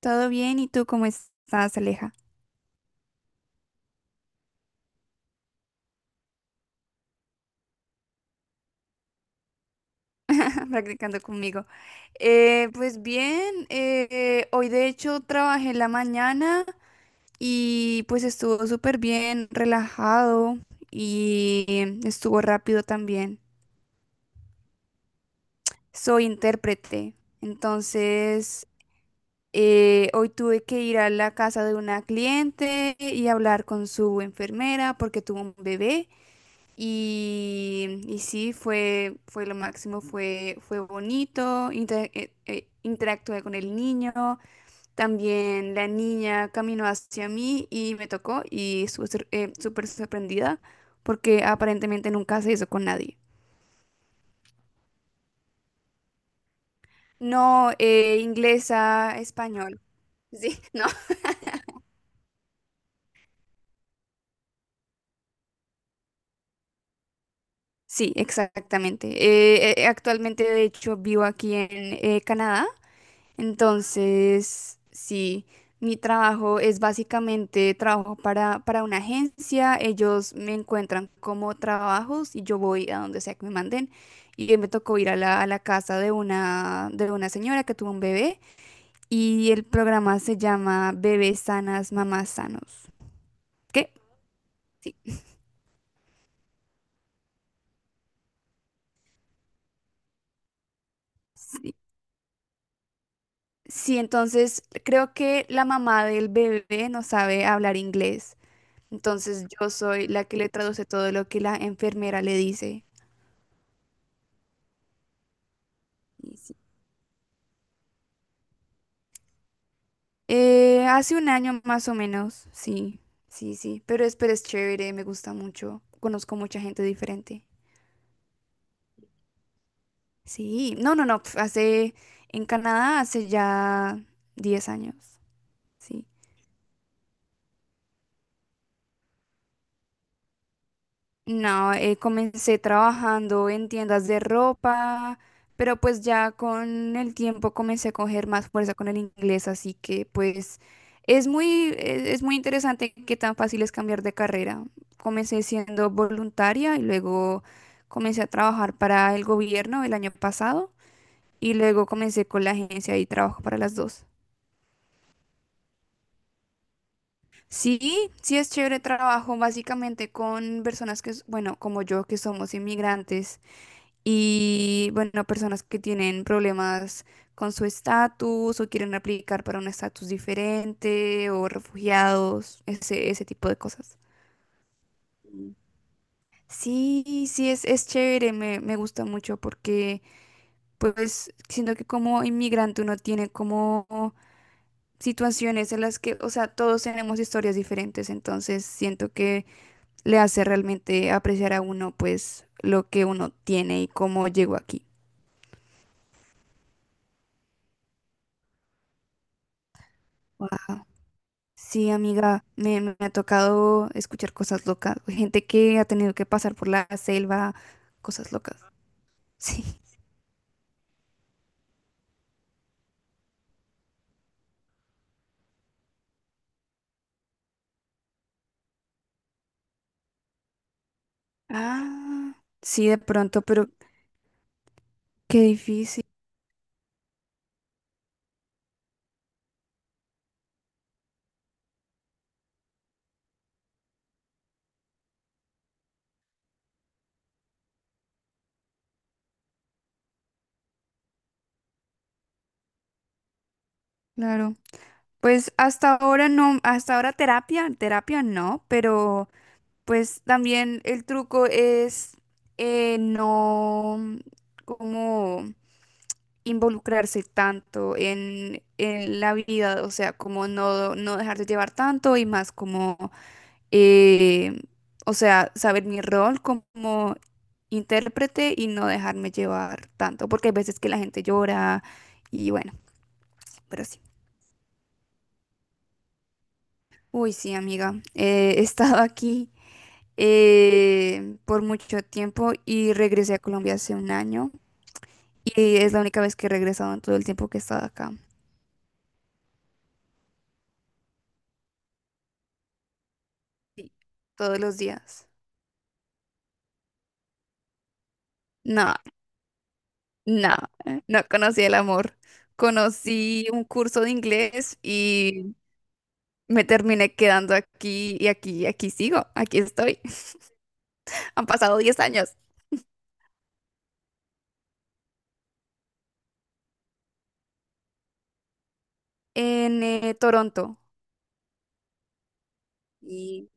Todo bien, ¿y tú cómo estás, Aleja? Practicando conmigo. Pues bien, hoy de hecho trabajé en la mañana y pues estuvo súper bien, relajado y estuvo rápido también. Soy intérprete, entonces, hoy tuve que ir a la casa de una cliente y hablar con su enfermera porque tuvo un bebé. Y sí, fue lo máximo, fue bonito, interactué con el niño, también la niña caminó hacia mí y me tocó y estuve súper sorprendida porque aparentemente nunca se hizo con nadie. No, inglesa, español. Sí, no. Sí, exactamente. Actualmente, de hecho, vivo aquí en Canadá. Entonces, sí, mi trabajo es básicamente trabajo para una agencia, ellos me encuentran como trabajos y yo voy a donde sea que me manden. Y hoy me tocó ir a la casa de una señora que tuvo un bebé y el programa se llama Bebés Sanas, Mamás Sanos. ¿Qué? Sí, sí. Sí, entonces creo que la mamá del bebé no sabe hablar inglés. Entonces yo soy la que le traduce todo lo que la enfermera le dice. Y sí. Hace un año más o menos, sí, sí, sí, pero es chévere, me gusta mucho, conozco mucha gente diferente. Sí, no, no, no, en Canadá hace ya 10 años, sí. No, comencé trabajando en tiendas de ropa, pero pues ya con el tiempo comencé a coger más fuerza con el inglés, así que pues es muy, es muy interesante qué tan fácil es cambiar de carrera. Comencé siendo voluntaria y luego comencé a trabajar para el gobierno el año pasado y luego comencé con la agencia y trabajo para las dos. Sí, sí es chévere, trabajo básicamente con personas que, bueno, como yo, que somos inmigrantes. Y bueno, personas que tienen problemas con su estatus o quieren aplicar para un estatus diferente o refugiados, ese tipo de cosas. Sí, sí, es chévere, me gusta mucho porque pues siento que como inmigrante uno tiene como situaciones en las que, o sea, todos tenemos historias diferentes, entonces siento que le hace realmente apreciar a uno pues lo que uno tiene y cómo llegó aquí. Sí, amiga, me ha tocado escuchar cosas locas. Gente que ha tenido que pasar por la selva, cosas locas. Sí. Ah, sí, de pronto, pero qué difícil, claro. Pues hasta ahora no, hasta ahora terapia, terapia no, pero pues también el truco es no, como involucrarse tanto en la vida, o sea, como no, no dejarse llevar tanto y más como eh, o sea, saber mi rol como intérprete y no dejarme llevar tanto, porque hay veces que la gente llora y bueno, pero sí. Uy, sí, amiga, he estado aquí por mucho tiempo y regresé a Colombia hace un año y es la única vez que he regresado en todo el tiempo que he estado acá. Sí, todos los días. No, no, no conocí el amor. Conocí un curso de inglés y me terminé quedando aquí y aquí y aquí sigo, aquí estoy. Han pasado 10 años en Toronto. Y.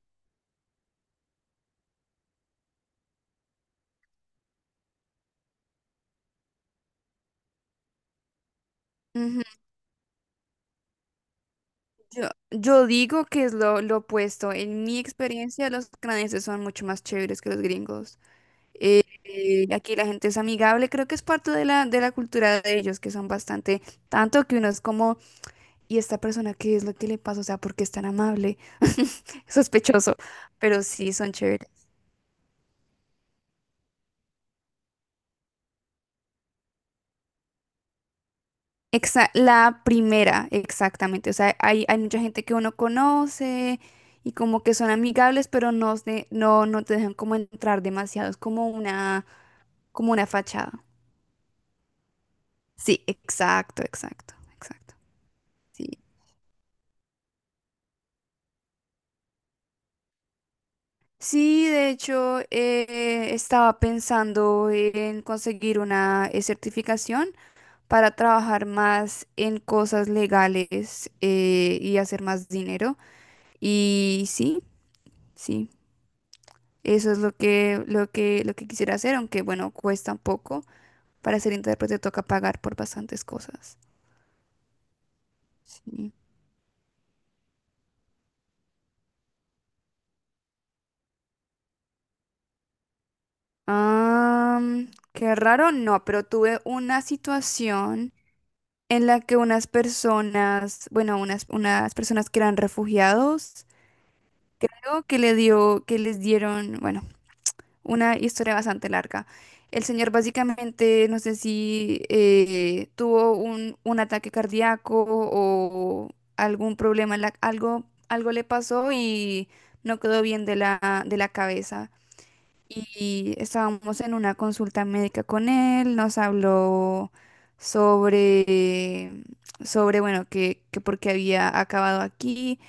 Ujú. Yo digo que es lo opuesto. En mi experiencia, los canadienses son mucho más chéveres que los gringos. Aquí la gente es amigable, creo que es parte de la cultura de ellos, que son bastante, tanto que uno es como, ¿y esta persona qué es lo que le pasa? O sea, ¿por qué es tan amable? Sospechoso, pero sí son chéveres. La primera, exactamente. O sea, hay mucha gente que uno conoce y como que son amigables, pero no, no, no te dejan como entrar demasiado. Es como una fachada. Sí, exacto, exacto, exacto. Sí, sí, de hecho, estaba pensando en conseguir una certificación para trabajar más en cosas legales y hacer más dinero. Y sí. Sí, eso es lo que quisiera hacer, aunque bueno, cuesta un poco. Para ser intérprete toca pagar por bastantes cosas. Sí. Qué raro, no, pero tuve una situación en la que unas personas, bueno, unas personas que eran refugiados, creo que le dio, que les dieron, bueno, una historia bastante larga. El señor básicamente, no sé si tuvo un ataque cardíaco o algún problema, algo le pasó y no quedó bien de la cabeza. Y estábamos en una consulta médica con él, nos habló sobre, sobre bueno, que por qué había acabado aquí,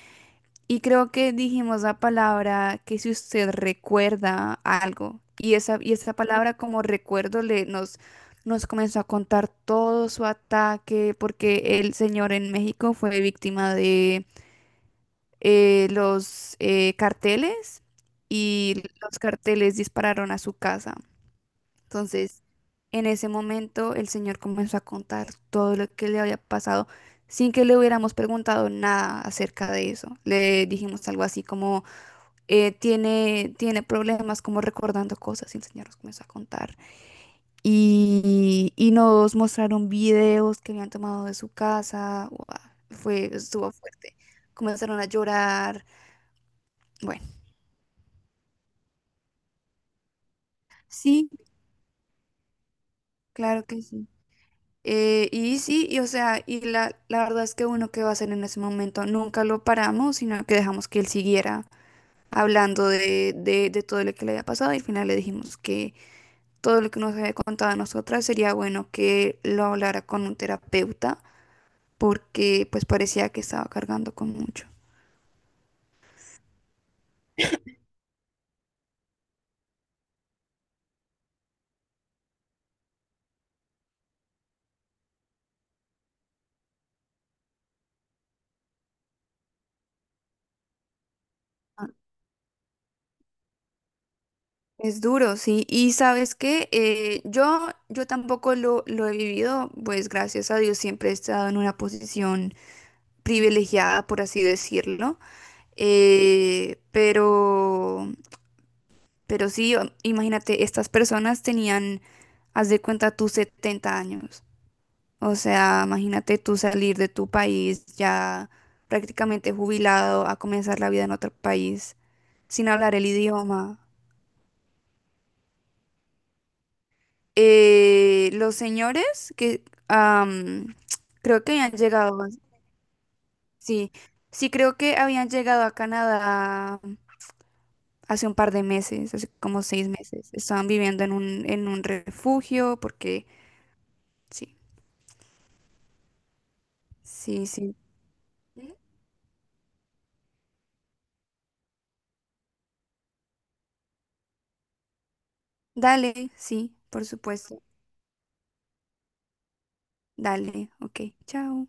y creo que dijimos la palabra, que si usted recuerda algo, y esa palabra como recuerdo nos comenzó a contar todo su ataque, porque el señor en México fue víctima de los carteles y los carteles dispararon a su casa. Entonces, en ese momento el señor comenzó a contar todo lo que le había pasado sin que le hubiéramos preguntado nada acerca de eso. Le dijimos algo así como tiene problemas como recordando cosas y enseñarnos cómo es a contar. Y nos mostraron videos que habían tomado de su casa. Guau, fue, estuvo fuerte. Comenzaron a llorar. Bueno, sí, claro que sí. Y sí, y o sea, y la verdad es que uno que va a hacer en ese momento, nunca lo paramos, sino que dejamos que él siguiera hablando de todo lo que le había pasado, y al final le dijimos que todo lo que nos haya contado a nosotras, sería bueno que lo hablara con un terapeuta porque pues parecía que estaba cargando con mucho. Ah. Es duro, sí. Y sabes qué. Yo tampoco lo he vivido, pues gracias a Dios siempre he estado en una posición privilegiada, por así decirlo. Eh, pero, pero sí, imagínate, estas personas tenían, haz de cuenta, tus 70 años. O sea, imagínate tú salir de tu país ya prácticamente jubilado a comenzar la vida en otro país sin hablar el idioma. Los señores que am, creo que habían llegado, sí, sí creo que habían llegado a Canadá hace un par de meses, hace como 6 meses. Estaban viviendo en un refugio porque sí, sí, sí. Dale, sí, por supuesto. Dale, ok, chao.